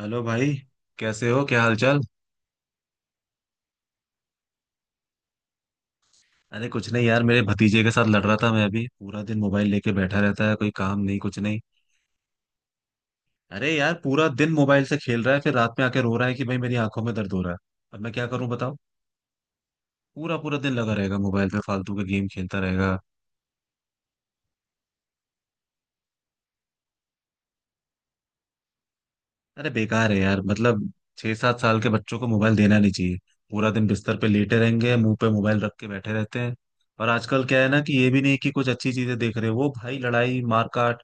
Hello भाई। कैसे हो, क्या हालचाल? अरे कुछ नहीं यार, मेरे भतीजे के साथ लड़ रहा था मैं। अभी पूरा दिन मोबाइल लेके बैठा रहता है, कोई काम नहीं कुछ नहीं। अरे यार पूरा दिन मोबाइल से खेल रहा है, फिर रात में आके रो रहा है कि भाई मेरी आंखों में दर्द हो रहा है। अब मैं क्या करूं बताओ। पूरा पूरा दिन लगा रहेगा मोबाइल पे, फालतू के गेम खेलता रहेगा। अरे बेकार है यार मतलब। 6 7 साल के बच्चों को मोबाइल देना नहीं चाहिए। पूरा दिन बिस्तर पे लेटे रहेंगे, मुंह पे मोबाइल रख के बैठे रहते हैं। और आजकल क्या है ना, कि ये भी नहीं कि कुछ अच्छी चीजें देख रहे हो, वो भाई लड़ाई मारकाट।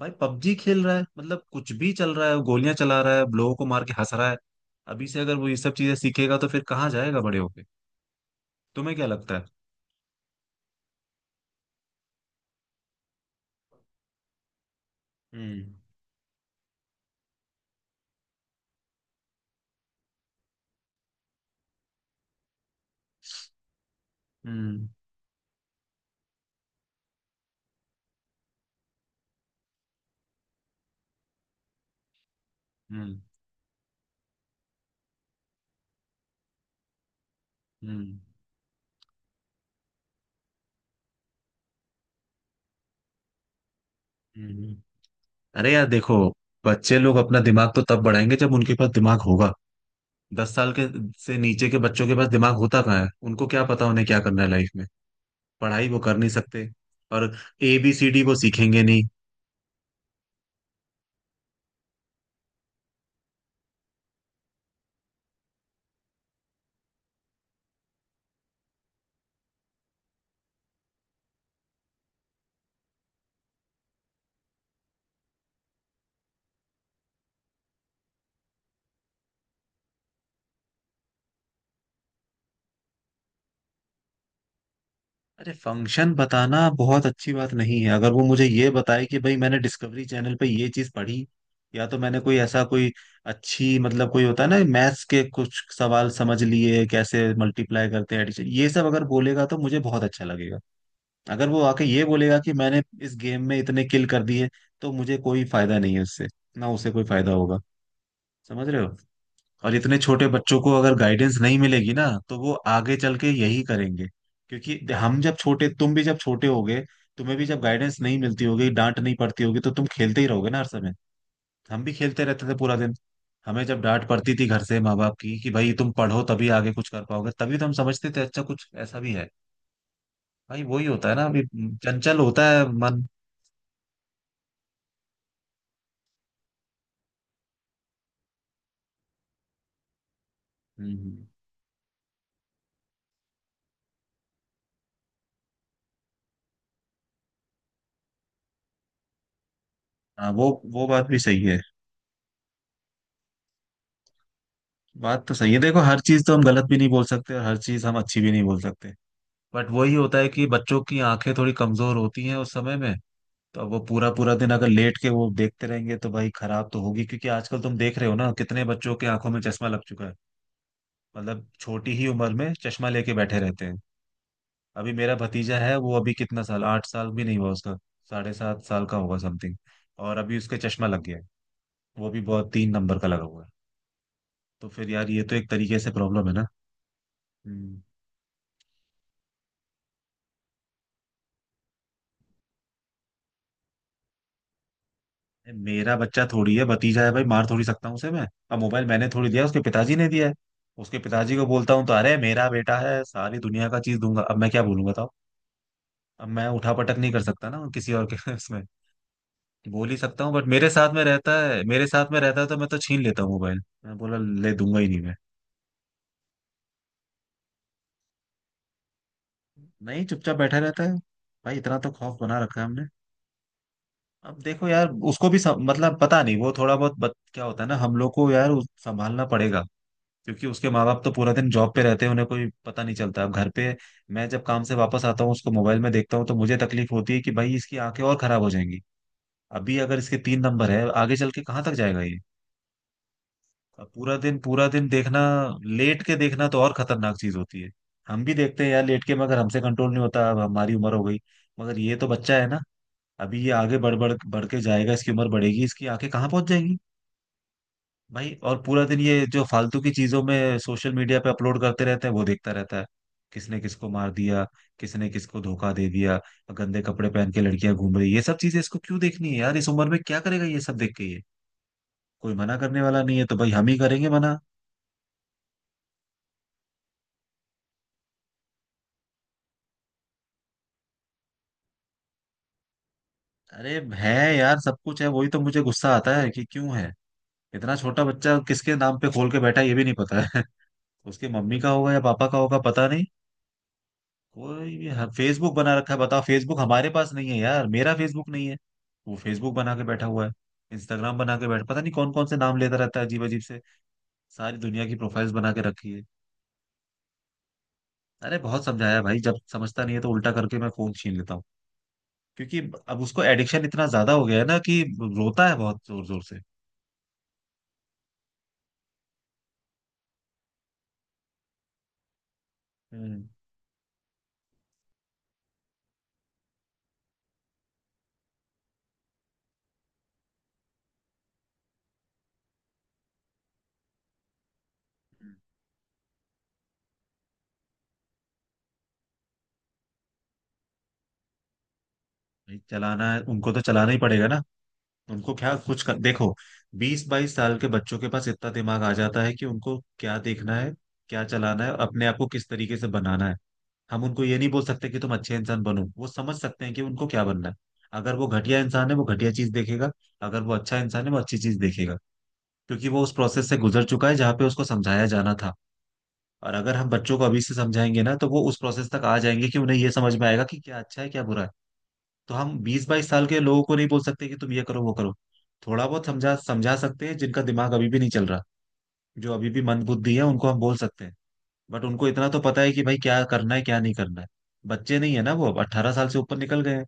भाई पबजी खेल रहा है, मतलब कुछ भी चल रहा है, गोलियां चला रहा है, लोगों को मार के हंस रहा है। अभी से अगर वो ये सब चीजें सीखेगा तो फिर कहाँ जाएगा बड़े होके। तुम्हें क्या लगता है? हम्म। हम्म। हम्म। हम्म। हम्म। अरे यार देखो, बच्चे लोग अपना दिमाग तो तब बढ़ाएंगे जब उनके पास दिमाग होगा। 10 साल के से नीचे के बच्चों के पास दिमाग होता कहाँ है, उनको क्या पता उन्हें क्या करना है लाइफ में। पढ़ाई वो कर नहीं सकते। और ए बी सी डी वो सीखेंगे नहीं। अरे फंक्शन बताना बहुत अच्छी बात नहीं है, अगर वो मुझे ये बताए कि भाई मैंने डिस्कवरी चैनल पे ये चीज पढ़ी, या तो मैंने कोई ऐसा कोई अच्छी मतलब कोई होता है ना मैथ्स के कुछ सवाल समझ लिए, कैसे मल्टीप्लाई करते हैं addition, ये सब अगर बोलेगा तो मुझे बहुत अच्छा लगेगा। अगर वो आके ये बोलेगा कि मैंने इस गेम में इतने किल कर दिए, तो मुझे कोई फायदा नहीं है उससे। ना उसे कोई फायदा होगा। समझ रहे हो? और इतने छोटे बच्चों को अगर गाइडेंस नहीं मिलेगी ना, तो वो आगे चल के यही करेंगे। क्योंकि हम जब छोटे, तुम भी जब छोटे होगे, तुम्हें भी जब गाइडेंस नहीं मिलती होगी, डांट नहीं पड़ती होगी, तो तुम खेलते ही रहोगे ना हर समय। हम भी खेलते रहते थे पूरा दिन। हमें जब डांट पड़ती थी घर से माँ बाप की कि भाई तुम पढ़ो तभी आगे कुछ कर पाओगे, तभी तो हम समझते थे अच्छा कुछ ऐसा भी है। भाई वही होता है ना अभी। चंचल होता है मन। हम्म। हाँ, वो बात भी सही है। बात तो सही है, देखो हर चीज तो हम गलत भी नहीं बोल सकते और हर चीज हम अच्छी भी नहीं बोल सकते। बट वही होता है कि बच्चों की आंखें थोड़ी कमजोर होती हैं उस समय में। तो अब वो पूरा पूरा दिन अगर लेट के वो देखते रहेंगे तो भाई खराब तो होगी, क्योंकि आजकल तुम देख रहे हो ना कितने बच्चों के आंखों में चश्मा लग चुका है। मतलब छोटी ही उम्र में चश्मा लेके बैठे रहते हैं। अभी मेरा भतीजा है, वो अभी कितना साल, 8 साल भी नहीं हुआ उसका। साढ़े सात साल का होगा समथिंग। और अभी उसके चश्मा लग गया है। वो भी बहुत 3 नंबर का लगा हुआ है। तो फिर यार ये तो एक तरीके से प्रॉब्लम है ना। हम्म। मेरा बच्चा थोड़ी है, भतीजा है भाई, मार थोड़ी सकता हूँ उसे मैं। अब मोबाइल मैंने थोड़ी दिया, उसके पिताजी ने दिया है। उसके पिताजी को बोलता हूँ तो अरे मेरा बेटा है, सारी दुनिया का चीज दूंगा, अब मैं क्या बोलूंगा बताओ। अब मैं उठा पटक नहीं कर सकता ना किसी और के उसमें। बोल ही सकता हूँ। बट मेरे साथ में रहता है, मेरे साथ में रहता है तो मैं तो छीन लेता हूँ मोबाइल, मैं बोला ले दूंगा ही नहीं मैं। नहीं, चुपचाप बैठा रहता है। भाई इतना तो खौफ बना रखा है हमने। अब देखो यार, उसको भी मतलब पता नहीं, वो थोड़ा बहुत क्या होता है ना हम लोग को, यार संभालना पड़ेगा। क्योंकि उसके माँ बाप तो पूरा दिन जॉब पे रहते हैं, उन्हें कोई पता नहीं चलता अब घर पे। मैं जब काम से वापस आता हूँ उसको मोबाइल में देखता हूँ तो मुझे तकलीफ होती है कि भाई इसकी आंखें और खराब हो जाएंगी। अभी अगर इसके 3 नंबर है, आगे चल के कहाँ तक जाएगा ये। अब पूरा दिन देखना, लेट के देखना तो और खतरनाक चीज होती है। हम भी देखते हैं यार लेट के, मगर हमसे कंट्रोल नहीं होता, अब हमारी उम्र हो गई। मगर ये तो बच्चा है ना। अभी ये आगे बढ़ बढ़ बढ़ के जाएगा, इसकी उम्र बढ़ेगी, इसकी आंखें कहाँ पहुंच जाएंगी। भाई और पूरा दिन ये जो फालतू की चीजों में सोशल मीडिया पे अपलोड करते रहते हैं वो देखता रहता है। किसने किसको मार दिया, किसने किसको धोखा दे दिया, गंदे कपड़े पहन के लड़कियां घूम रही, ये सब चीजें इसको क्यों देखनी है यार इस उम्र में? क्या करेगा ये सब देख के ये। कोई मना करने वाला नहीं है तो भाई हम ही करेंगे मना। अरे है यार सब कुछ है, वही तो मुझे गुस्सा आता है कि क्यों है। इतना छोटा बच्चा किसके नाम पे खोल के बैठा है ये भी नहीं पता है। उसके मम्मी का होगा या पापा का होगा पता नहीं। कोई भी। फेसबुक बना रखा है बताओ, फेसबुक हमारे पास नहीं है यार, मेरा फेसबुक नहीं है। वो फेसबुक बना के बैठा हुआ है। इंस्टाग्राम बना के बैठ, पता नहीं कौन कौन से नाम लेता रहता है अजीब अजीब से। सारी दुनिया की प्रोफाइल्स बना के रखी है। अरे बहुत समझाया भाई, जब समझता नहीं है तो उल्टा करके मैं फोन छीन लेता हूँ। क्योंकि अब उसको एडिक्शन इतना ज्यादा हो गया है ना कि रोता है बहुत जोर जोर से। हम्म। भाई चलाना है उनको तो चलाना ही पड़ेगा ना। उनको क्या कुछ देखो, बीस बाईस साल के बच्चों के पास इतना दिमाग आ जाता है कि उनको क्या देखना है, क्या चलाना है, अपने आप को किस तरीके से बनाना है। हम उनको ये नहीं बोल सकते कि तुम अच्छे इंसान बनो, वो समझ सकते हैं कि उनको क्या बनना है। अगर वो घटिया इंसान है वो घटिया चीज देखेगा। अगर वो अच्छा इंसान है वो अच्छी चीज देखेगा। क्योंकि वो उस प्रोसेस से गुजर चुका है जहाँ पे उसको समझाया जाना था। और अगर हम बच्चों को अभी से समझाएंगे ना, तो वो उस प्रोसेस तक आ जाएंगे कि उन्हें ये समझ में आएगा कि क्या अच्छा है क्या बुरा है। तो हम 20 22 साल के लोगों को नहीं बोल सकते कि तुम ये करो वो करो। थोड़ा बहुत समझा समझा सकते हैं, जिनका दिमाग अभी भी नहीं चल रहा, जो अभी भी मंद बुद्धि है उनको हम बोल सकते हैं। बट उनको इतना तो पता है कि भाई क्या करना है क्या नहीं करना है। बच्चे नहीं है ना वो, अब 18 साल से ऊपर निकल गए हैं।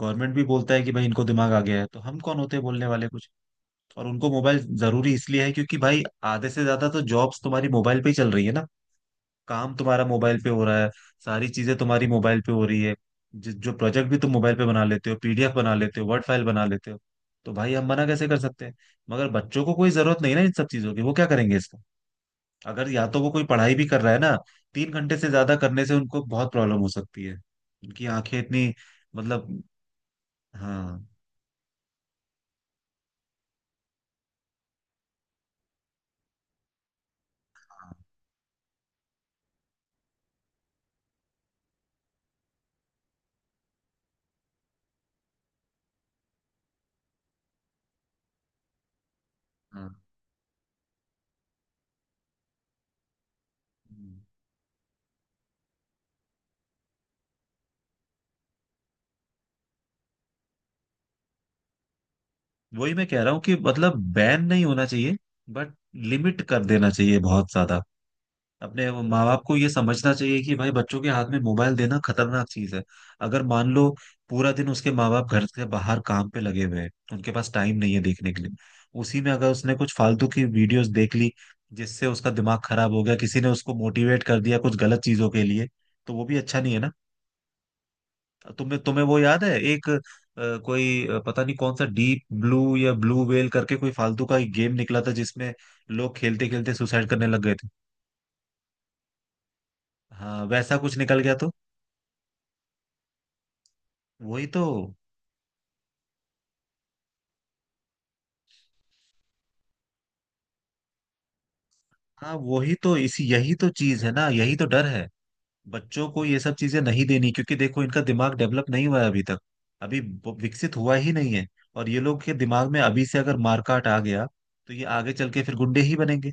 गवर्नमेंट भी बोलता है कि भाई इनको दिमाग आ गया है, तो हम कौन होते हैं बोलने वाले कुछ। और उनको मोबाइल जरूरी इसलिए है क्योंकि भाई आधे से ज्यादा तो जॉब्स तुम्हारी मोबाइल पे ही चल रही है ना। काम तुम्हारा मोबाइल पे हो रहा है। सारी चीजें तुम्हारी मोबाइल पे हो रही है। जो प्रोजेक्ट भी तुम मोबाइल पे बना लेते हो, पीडीएफ बना लेते हो, वर्ड फाइल बना लेते हो। तो भाई हम मना कैसे कर सकते हैं। मगर बच्चों को कोई जरूरत नहीं ना इन सब चीजों की, वो क्या करेंगे इसका। अगर या तो वो कोई पढ़ाई भी कर रहा है ना, 3 घंटे से ज्यादा करने से उनको बहुत प्रॉब्लम हो सकती है। उनकी आंखें इतनी, मतलब। हाँ। हाँ। हाँ। वही मैं कह रहा हूँ कि मतलब बैन नहीं होना चाहिए, बट लिमिट कर देना चाहिए बहुत ज्यादा। अपने वो माँ बाप को ये समझना चाहिए कि भाई बच्चों के हाथ में मोबाइल देना खतरनाक चीज है। अगर मान लो पूरा दिन उसके माँ बाप घर से बाहर काम पे लगे हुए हैं, उनके पास टाइम नहीं है देखने के लिए, उसी में अगर उसने कुछ फालतू की वीडियोस देख ली जिससे उसका दिमाग खराब हो गया, किसी ने उसको मोटिवेट कर दिया कुछ गलत चीजों के लिए, तो वो भी अच्छा नहीं है ना। तुम्हें तुम्हें वो याद है, एक कोई पता नहीं कौन सा डीप ब्लू या ब्लू वेल करके कोई फालतू का एक गेम निकला था, जिसमें लोग खेलते खेलते सुसाइड करने लग गए थे। हाँ वैसा कुछ निकल गया तो। वही तो। हाँ वही तो, इसी यही तो चीज है ना, यही तो डर है। बच्चों को ये सब चीजें नहीं देनी क्योंकि देखो इनका दिमाग डेवलप नहीं हुआ है अभी तक, अभी विकसित हुआ ही नहीं है। और ये लोग के दिमाग में अभी से अगर मारकाट आ गया, तो ये आगे चल के फिर गुंडे ही बनेंगे।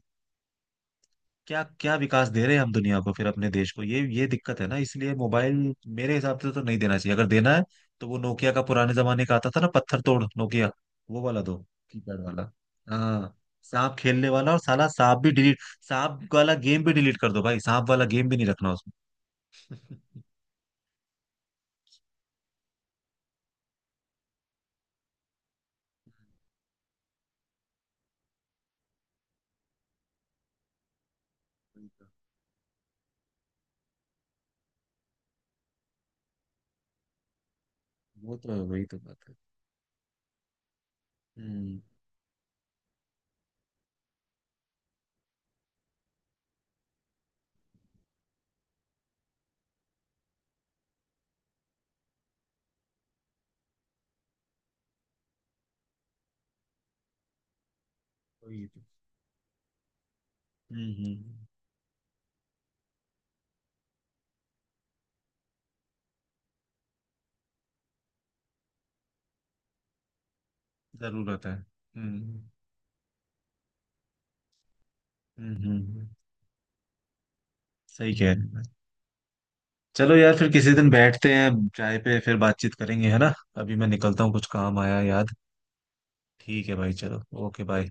क्या क्या विकास दे रहे हैं हम दुनिया को फिर अपने देश को, ये दिक्कत है ना, इसलिए मोबाइल मेरे हिसाब से तो नहीं देना चाहिए। अगर देना है तो वो नोकिया का पुराने जमाने का आता था ना पत्थर तोड़ नोकिया, वो वाला दो, कीपैड वाला। हाँ सांप खेलने वाला, और साला सांप भी डिलीट। सांप वाला गेम भी डिलीट कर दो भाई, सांप वाला गेम भी नहीं रखना उसमें। वही तो। वो तो है, वही तो बात है। हम्म। वही तो। हम्म। हम्म। जरूरत है। हम्म। हम्म हम्म, हम्म, सही कह रहे हैं। चलो यार फिर किसी दिन बैठते हैं, चाय पे फिर बातचीत करेंगे है ना। अभी मैं निकलता हूँ, कुछ काम आया है याद। ठीक है भाई चलो, ओके बाय।